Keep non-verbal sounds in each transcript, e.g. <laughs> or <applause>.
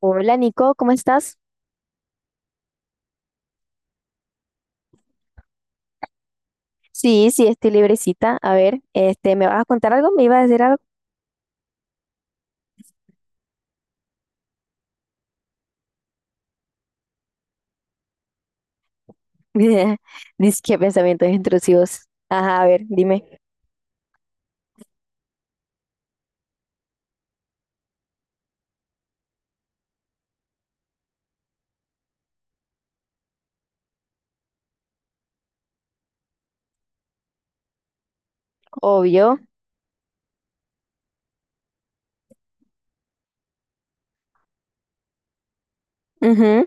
Hola Nico, ¿cómo estás? Sí, sí, estoy librecita. A ver, este, ¿me vas a contar algo? ¿Me ibas a decir algo? <laughs> Dice que pensamientos intrusivos. Ajá, a ver, dime. Obvio. Ujú.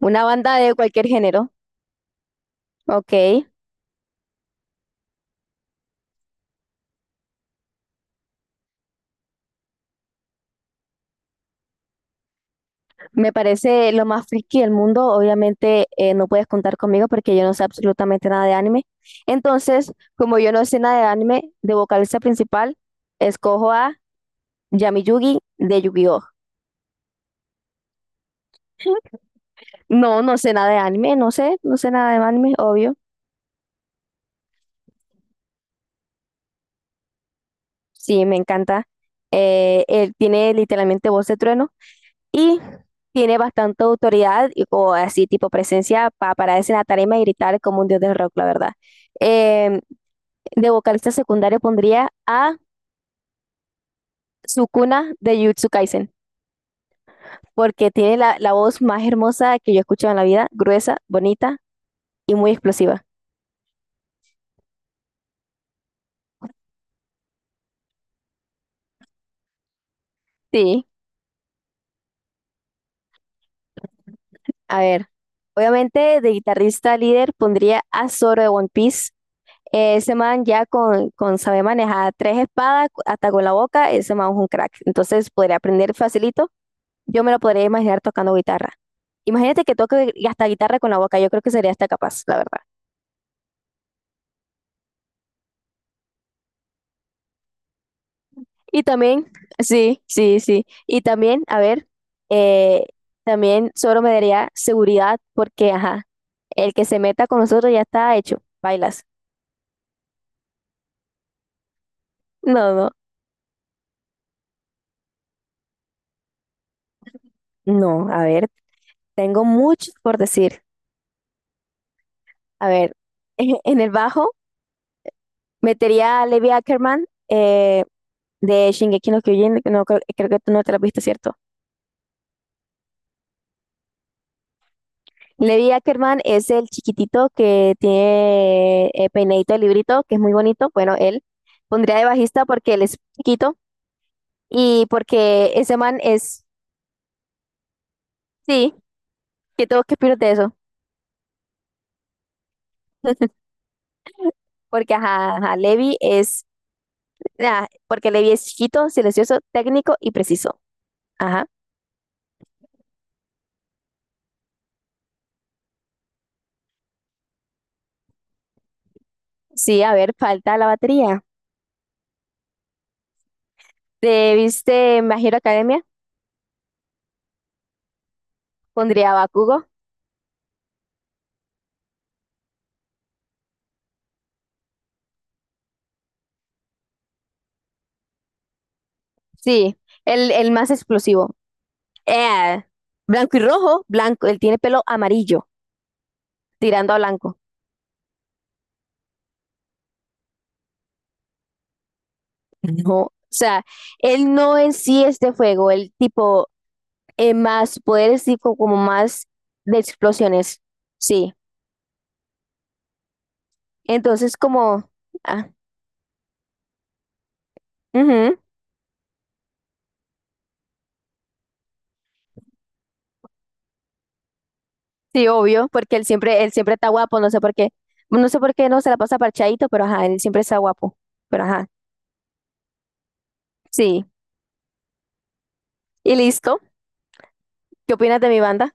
Una banda de cualquier género. Ok. Me parece lo más friki del mundo. Obviamente no puedes contar conmigo porque yo no sé absolutamente nada de anime. Entonces, como yo no sé nada de anime, de vocalista principal, escojo a Yami Yugi de Yu-Gi-Oh! No, no sé nada de anime, no sé, no sé nada de anime, obvio. Sí, me encanta. Él tiene literalmente voz de trueno y tiene bastante autoridad o así tipo presencia para pararse en la tarima y gritar como un dios del rock, la verdad. Em, de vocalista secundario pondría a Sukuna de Jujutsu Kaisen porque tiene la voz más hermosa que yo he escuchado en la vida, gruesa, bonita y muy explosiva. Sí, a ver. Obviamente de guitarrista líder pondría a Zoro de One Piece. Ese man ya con saber manejar tres espadas hasta con la boca, ese man es un crack. Entonces podría aprender facilito. Yo me lo podría imaginar tocando guitarra. Imagínate que toque y hasta guitarra con la boca. Yo creo que sería hasta capaz, la verdad. Y también, sí, sí, sí. Y también, a ver, eh, también solo me daría seguridad porque, ajá, el que se meta con nosotros ya está hecho. Bailas. No, no, no. A ver, tengo mucho por decir. A ver, <laughs> en el bajo. Metería a Levi Ackerman de Shingeki no Kyojin, que no, creo, creo que tú no te la viste, ¿cierto? Levi Ackerman es el chiquitito que tiene peinadito de librito, que es muy bonito. Bueno, él pondría de bajista porque él es chiquito y porque ese man es, sí, que tengo que opinar de eso. Porque ajá, ajá, porque Levi es chiquito, silencioso, técnico y preciso. Ajá. Sí, a ver, falta la batería. ¿Te viste My Hero Academia? Pondría a Bakugo. Sí, el más explosivo. Eh, Blanco y rojo, blanco, él tiene pelo amarillo, tirando a blanco. No, o sea, él no en sí es de fuego, él tipo más poderes, tipo como más de explosiones. Sí, entonces como, ah, ujú. Sí, obvio, porque él siempre está guapo, no sé por qué, no sé por qué no se la pasa parchadito, pero ajá, él siempre está guapo, pero ajá, sí. Y listo, ¿qué opinas de mi banda?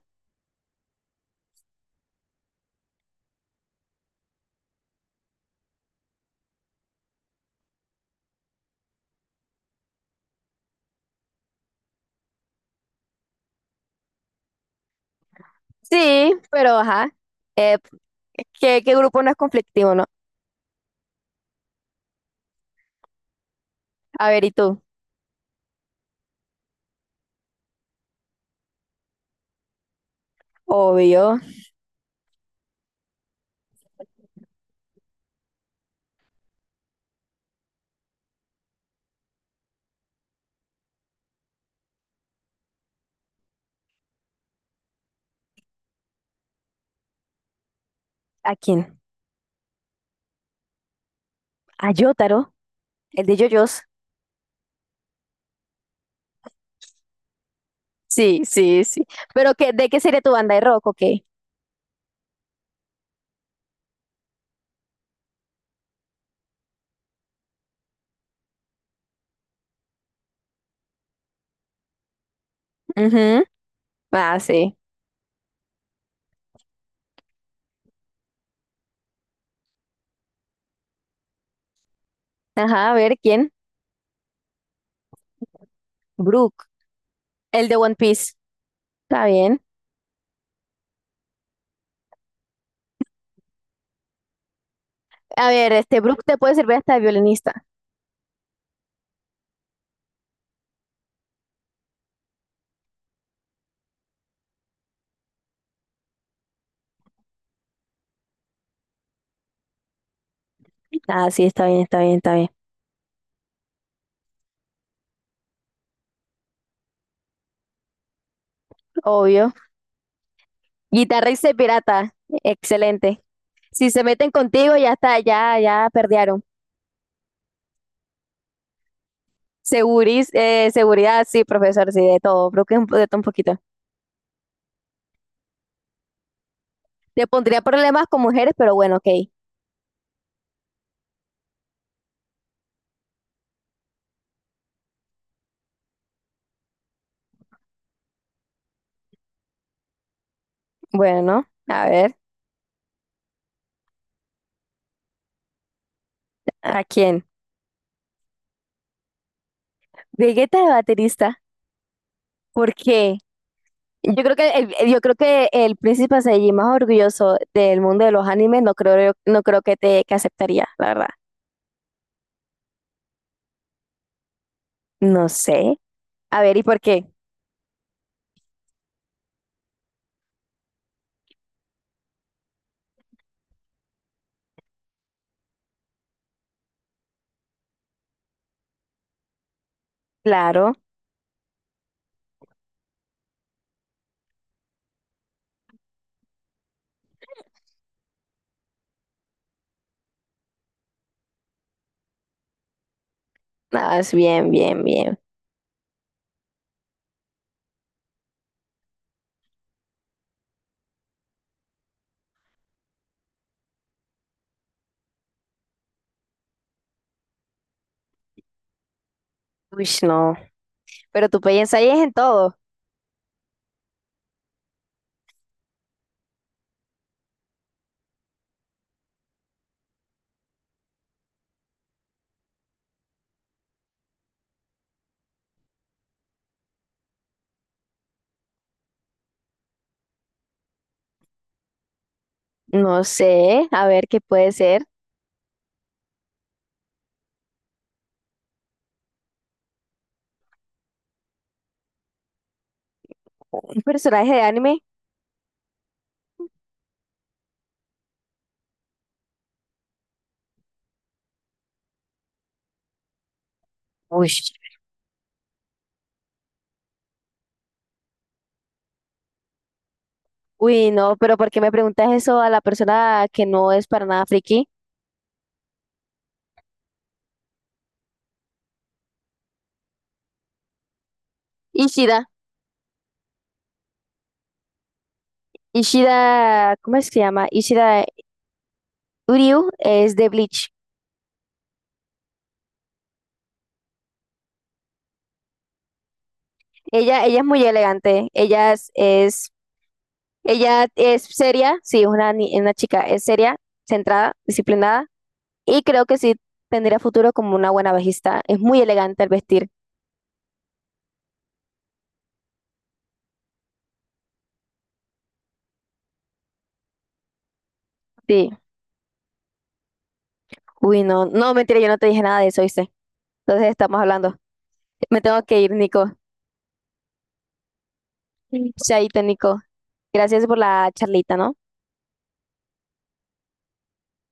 Sí, pero ajá. eh, ¿Qué, qué grupo no es conflictivo, no? A ver, ¿y tú? Obvio. ¿A quién? A Yotaro, el de JoJo's. Sí, sí, sí. ¿Pero qué, de qué sería tu banda de rock o qué? Ujú. Ah, sí. Ajá, a ver, ¿quién? Brook, el de One Piece. Está bien. A ver, este Brook te puede servir hasta de violinista. Ah, sí, está bien, está bien, está bien. Obvio. Guitarrista y pirata. Excelente. Si se meten contigo, ya está, ya, ya perdieron. Seguridad, sí, profesor, sí, de todo, creo que de todo un poquito. Te pondría problemas con mujeres, pero bueno, ok. Bueno, a ver, ¿a quién? Vegeta de baterista, ¿por qué? Yo creo que yo creo que el príncipe Saiyajin más orgulloso del mundo de los animes, no creo, no creo que te que aceptaría, la verdad. No sé. A ver, ¿y por qué? Claro, nada, es bien, bien, bien. Uy, no. Pero tú piensas ahí es en todo. No sé, a ver qué puede ser. Un personaje de anime. Uy, uy, no, pero ¿por qué me preguntas eso a la persona que no es para nada friki? Ishida, Ishida, ¿cómo es que se llama? Ishida Uryu es de Bleach. Ella es muy elegante, ella es seria, sí, es una, una chica, es seria, centrada, disciplinada, y creo que sí tendría futuro como una buena bajista. Es muy elegante al vestir, sí. Uy, no, no, mentira, yo no te dije nada de eso, ¿viste? Entonces estamos hablando. Me tengo que ir, Nico. Chaito, Nico. Gracias por la charlita, ¿no?